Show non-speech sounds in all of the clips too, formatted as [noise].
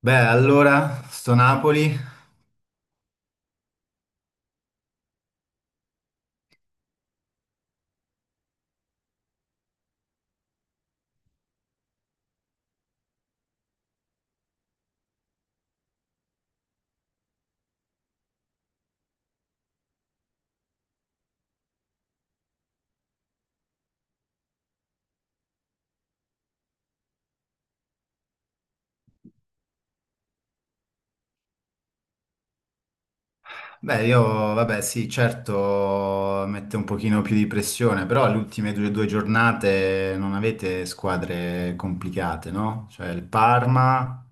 Beh, allora, sto Napoli. Beh, io, vabbè, sì, certo, mette un pochino più di pressione, però le ultime due giornate non avete squadre complicate, no? Cioè il Parma,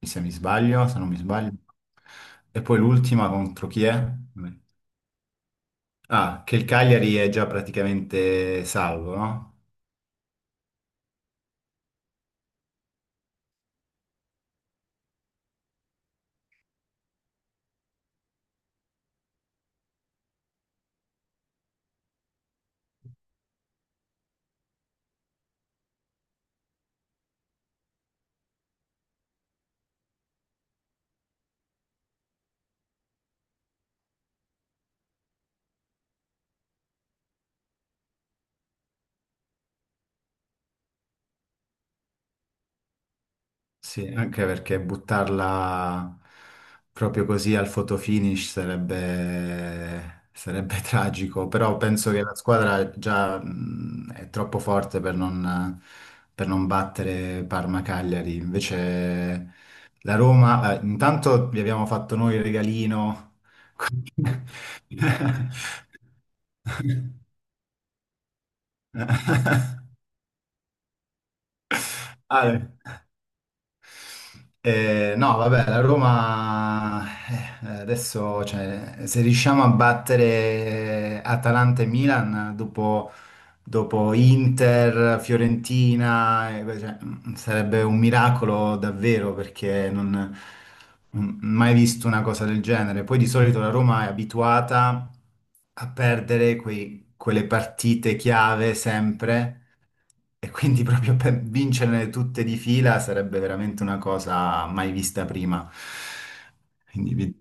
se non mi sbaglio. E poi l'ultima contro chi è? Ah, che il Cagliari è già praticamente salvo, no? Sì, anche perché buttarla proprio così al fotofinish sarebbe [laughs] tragico, però penso che la squadra già è troppo forte per non battere Parma-Cagliari. Invece la Roma, intanto vi abbiamo fatto noi il regalino. [laughs] Ah, no, vabbè, la Roma adesso, cioè, se riusciamo a battere Atalanta e Milan dopo Inter, Fiorentina, cioè, sarebbe un miracolo davvero perché mai visto una cosa del genere. Poi di solito la Roma è abituata a perdere quelle partite chiave sempre e quindi [laughs] proprio per vincerle tutte di fila sarebbe veramente una cosa mai vista prima. Quindi vi-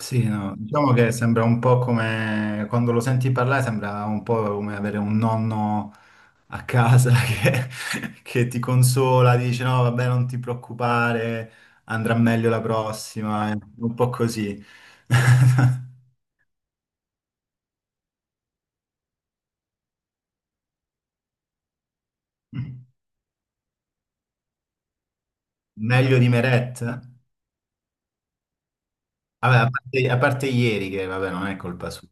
Sì, no, diciamo che sembra un po' come quando lo senti parlare, sembra un po' come avere un nonno a casa [laughs] che, che ti consola, dice no, vabbè, non ti preoccupare, andrà meglio la prossima, è un po' così. [laughs] Meglio di Meret? Vabbè, a parte ieri che, vabbè, non è colpa sua.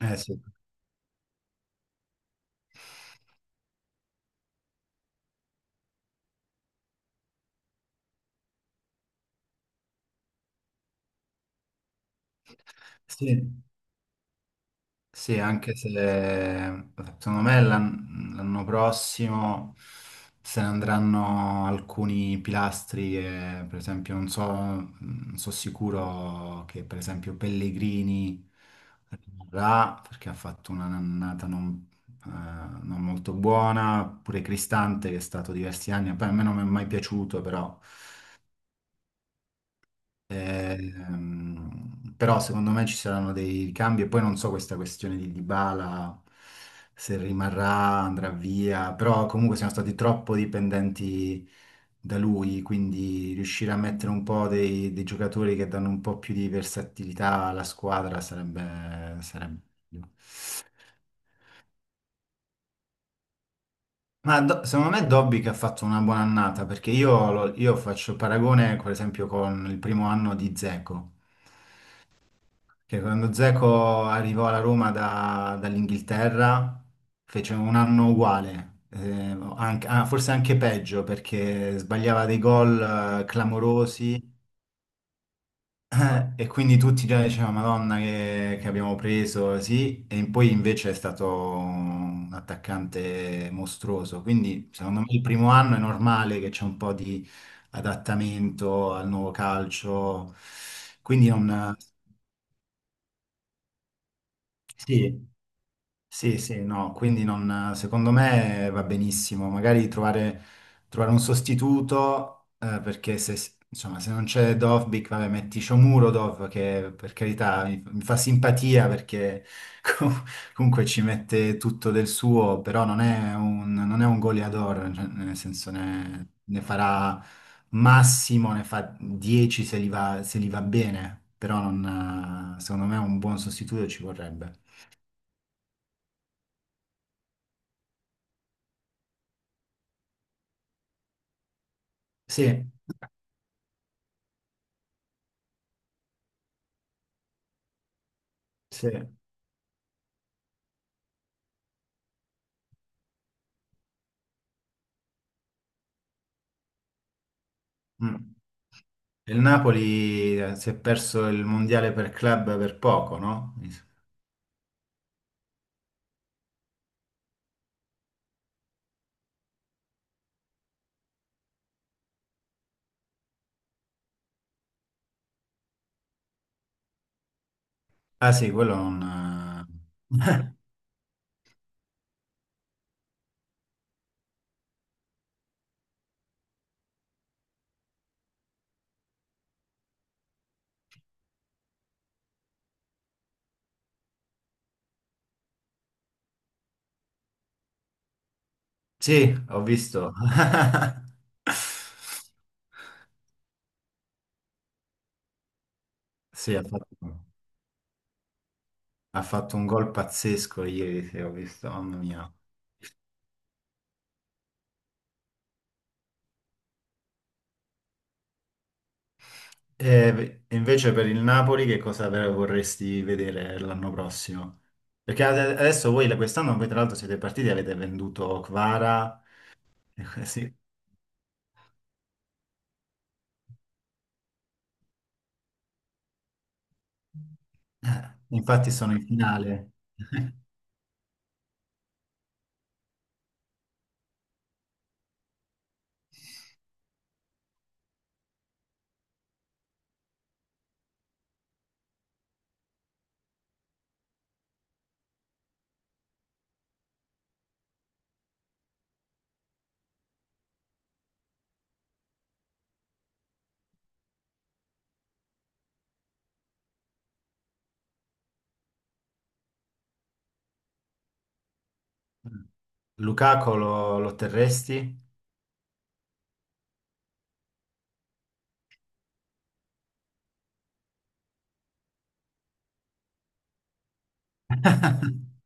Eh sì. Sì. Sì, anche se secondo me l'anno prossimo se ne andranno alcuni pilastri che, per esempio, non so, non so sicuro che per esempio Pellegrini rimarrà perché ha fatto una annata eh, non molto buona, pure Cristante che è stato diversi anni, poi a me non mi è mai piaciuto, però. Però secondo me ci saranno dei cambi e poi non so questa questione di Dybala se rimarrà, andrà via, però comunque siamo stati troppo dipendenti da lui, quindi riuscire a mettere un po' dei giocatori che danno un po' più di versatilità alla squadra sarebbe meglio. Secondo me Dobby che ha fatto una buona annata, perché io faccio paragone, per esempio, con il primo anno di Dzeko. Che quando Zeko arrivò alla Roma dall'Inghilterra fece un anno uguale, forse anche peggio perché sbagliava dei gol clamorosi e quindi tutti già dicevano Madonna che abbiamo preso, sì, e poi invece è stato un attaccante mostruoso, quindi secondo me il primo anno è normale che c'è un po' di adattamento al nuovo calcio, quindi non... Sì, sì, quindi secondo me va benissimo, trovare un sostituto, perché se, insomma, se non c'è Dovbyk, vabbè, metti Shomurov, che per carità mi fa simpatia perché [laughs] com- comunque ci mette tutto del suo, però non è un goleador, cioè, nel senso ne farà massimo, ne fa 10 se li va, se li va bene, però non, secondo me un buon sostituto ci vorrebbe. Sì. Sì. Mm. Il Napoli si è perso il mondiale per club per poco, no? Ah sì, quello non... [laughs] eh. Sì, ho visto. [laughs] Sì, ha fatto, ha fatto un gol pazzesco ieri, sì, ho visto, mamma mia. E invece per il Napoli che cosa vorresti vedere l'anno prossimo? Perché adesso voi quest'anno voi tra l'altro siete partiti e avete venduto Kvara. [laughs] Infatti sono in finale. [laughs] Lukaku lo terresti? [laughs]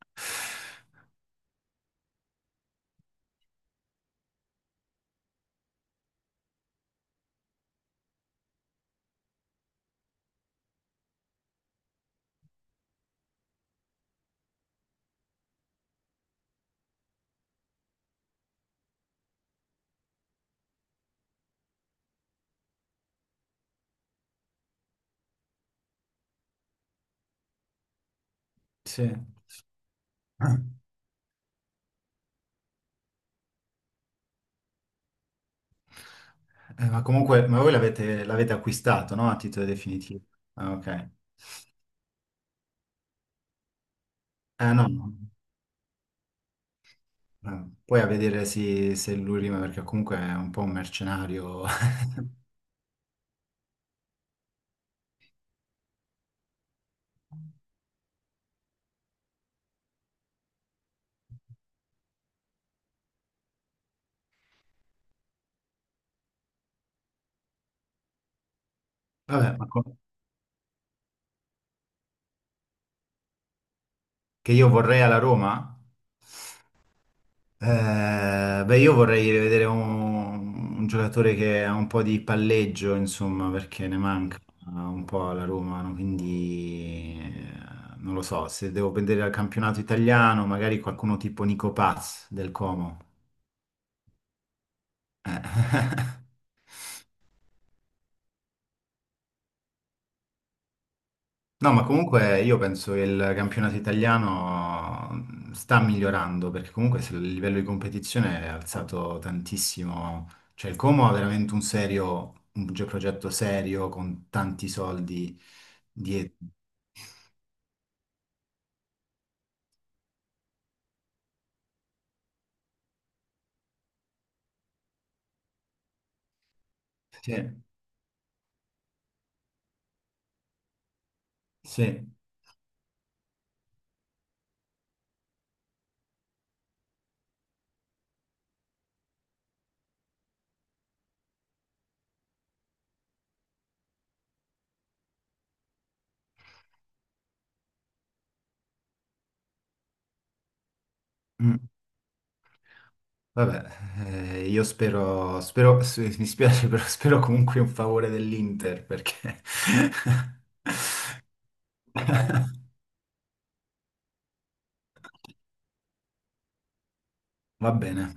Sì. Ma comunque, ma voi l'avete acquistato, no? A titolo definitivo. Ah, ok. No. Poi a vedere se lui rima, perché comunque è un po' un mercenario. [laughs] Vabbè, ma co- che io vorrei alla Roma? Beh, io vorrei rivedere un giocatore che ha un po' di palleggio, insomma, perché ne manca un po' alla Roma, no? Quindi non lo so, se devo vedere al campionato italiano, magari qualcuno tipo Nico Paz del Como. [laughs] No, ma comunque io penso che il campionato italiano sta migliorando perché comunque se il livello di competizione è alzato tantissimo. Cioè il Como ha veramente un serio, un progetto serio con tanti soldi dietro. Sì, sì. Mm. Vabbè, io spero, mi spiace, [laughs] però spero comunque un favore dell'Inter perché [laughs] va bene.